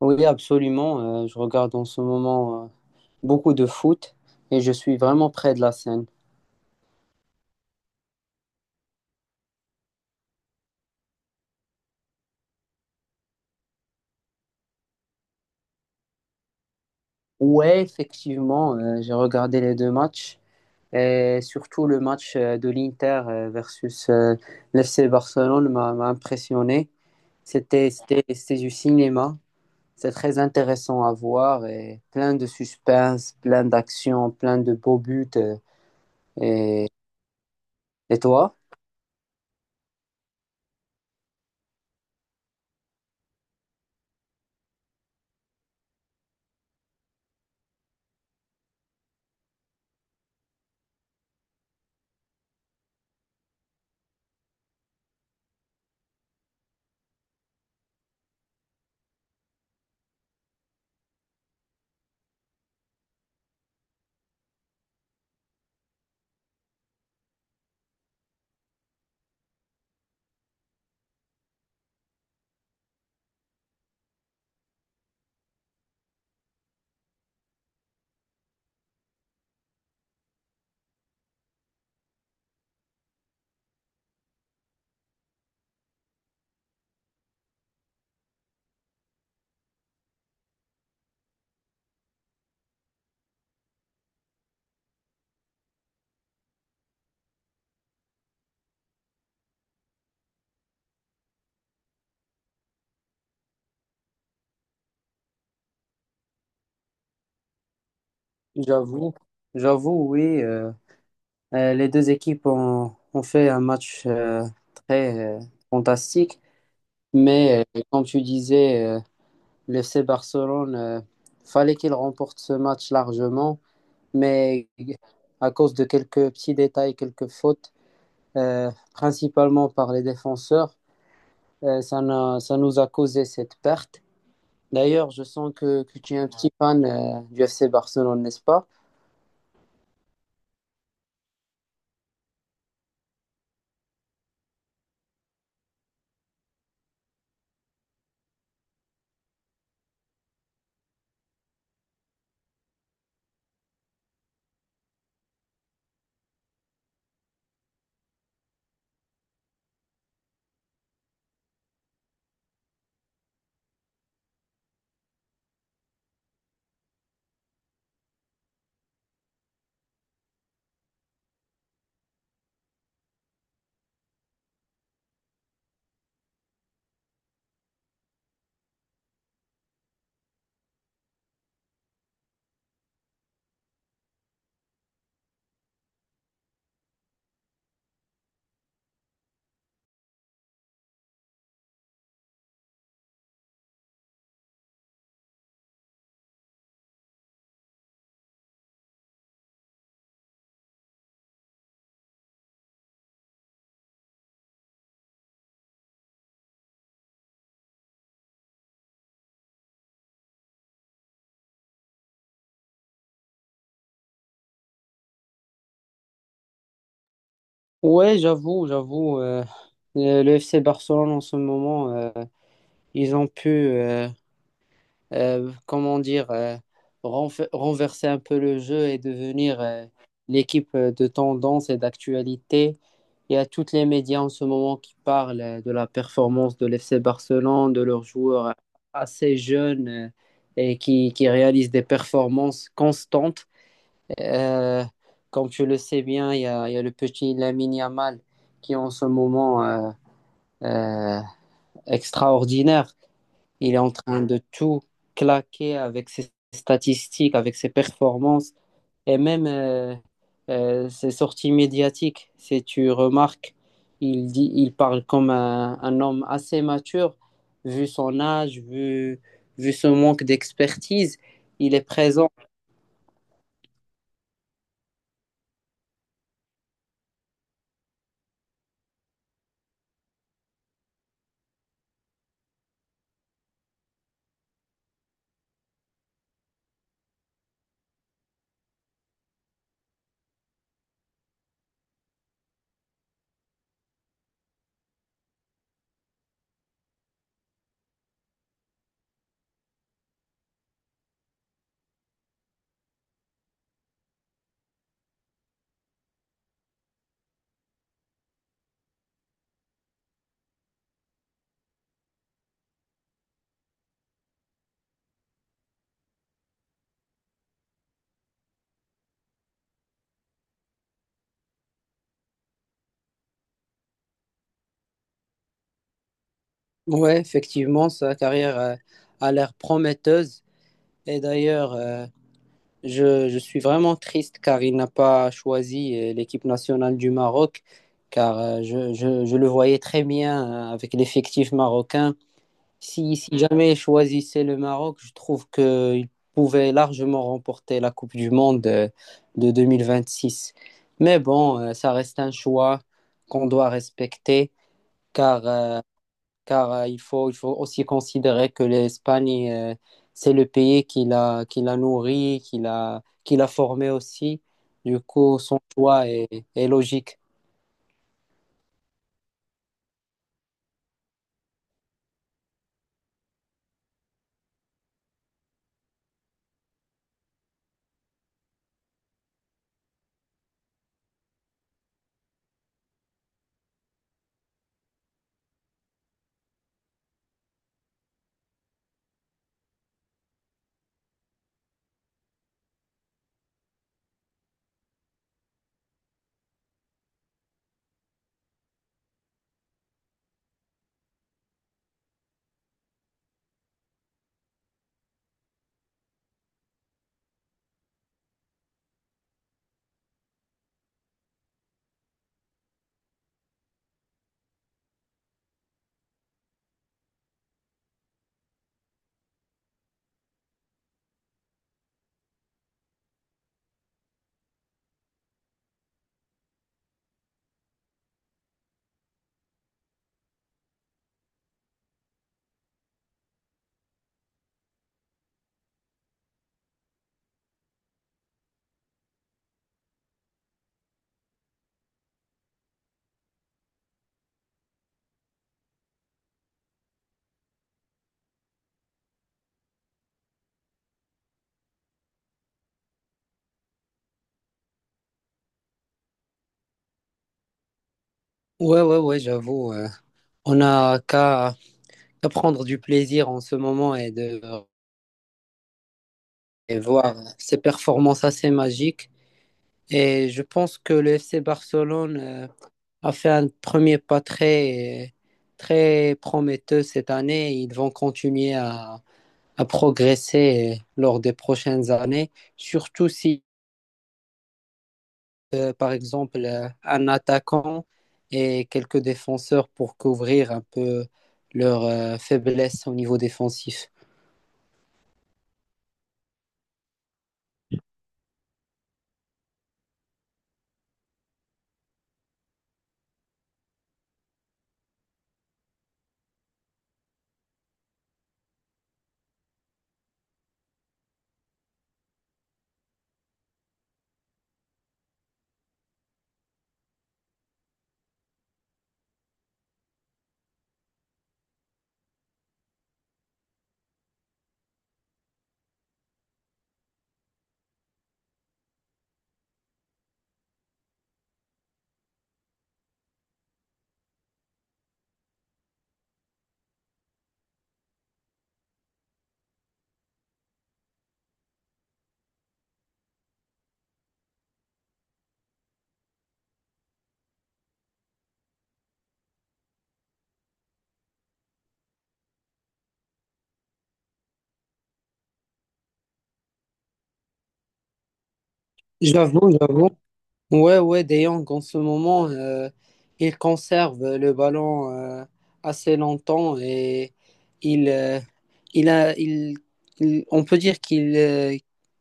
Oui, absolument. Je regarde en ce moment beaucoup de foot et je suis vraiment près de la scène. Ouais, effectivement, j'ai regardé les deux matchs et surtout le match de l'Inter versus l'FC Barcelone m'a impressionné. C'était du cinéma. C'est très intéressant à voir et plein de suspense, plein d'action, plein de beaux buts. et, et toi? J'avoue, J'avoue, oui. Les deux équipes ont fait un match très fantastique, mais comme tu disais, le FC Barcelone, fallait qu'il remporte ce match largement, mais à cause de quelques petits détails, quelques fautes, principalement par les défenseurs, ça, n'a- ça nous a causé cette perte. D'ailleurs, je sens que tu es un petit fan du FC Barcelone, n'est-ce pas? Ouais, j'avoue, j'avoue. Le FC Barcelone en ce moment. Ils ont pu, euh, comment dire, euh, renverser un peu le jeu et devenir l'équipe de tendance et d'actualité. Il y a tous les médias en ce moment qui parlent de la performance de l'FC Barcelone, de leurs joueurs assez jeunes et qui réalisent des performances constantes. Euh, Comme tu le sais bien, il y a le petit Lamine Yamal qui est en ce moment euh, extraordinaire. Il est en train de tout claquer avec ses statistiques, avec ses performances et même ses sorties médiatiques. Si tu remarques, il parle comme un homme assez mature, vu son âge, vu ce manque d'expertise. Il est présent. Ouais, effectivement, sa carrière a l'air prometteuse. Et d'ailleurs, je suis vraiment triste car il n'a pas choisi l'équipe nationale du Maroc, car je le voyais très bien avec l'effectif marocain. Si jamais il choisissait le Maroc, je trouve qu'il pouvait largement remporter la Coupe du Monde de 2026. Mais bon, ça reste un choix qu'on doit respecter, car euh, car il faut aussi considérer que l'Espagne, c'est le pays qui qui l'a nourri, qui l'a formé aussi. Du coup, son choix est logique. Ouais, ouais, ouais, j'avoue. On n'a qu'à prendre du plaisir en ce moment et de et voir ses performances assez magiques. Et je pense que le FC Barcelone a fait un premier pas très prometteur cette année. Ils vont continuer à progresser lors des prochaines années, surtout si, par exemple, un attaquant et quelques défenseurs pour couvrir un peu leur faiblesse au niveau défensif. J'avoue, j'avoue. Ouais, ouais, De Jong, en ce moment, il conserve le ballon assez longtemps et il, euh, il a, il, il- on peut dire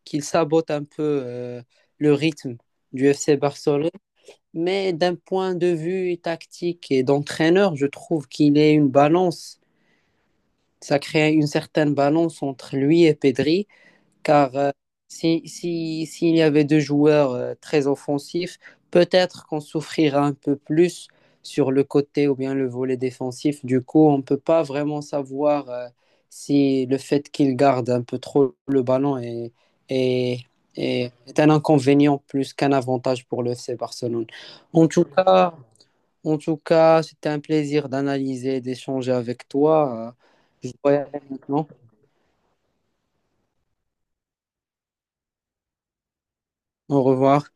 qu'il sabote un peu le rythme du FC Barcelone. Mais d'un point de vue tactique et d'entraîneur, je trouve qu'il est une balance. Ça crée une certaine balance entre lui et Pedri, car s'il y avait deux joueurs très offensifs, peut-être qu'on souffrira un peu plus sur le côté ou bien le volet défensif. Du coup, on ne peut pas vraiment savoir si le fait qu'il garde un peu trop le ballon est, est un inconvénient plus qu'un avantage pour le FC Barcelone. En tout cas, en tout cas, c'était un plaisir d'analyser, d'échanger avec toi. Je dois y aller maintenant. Au revoir.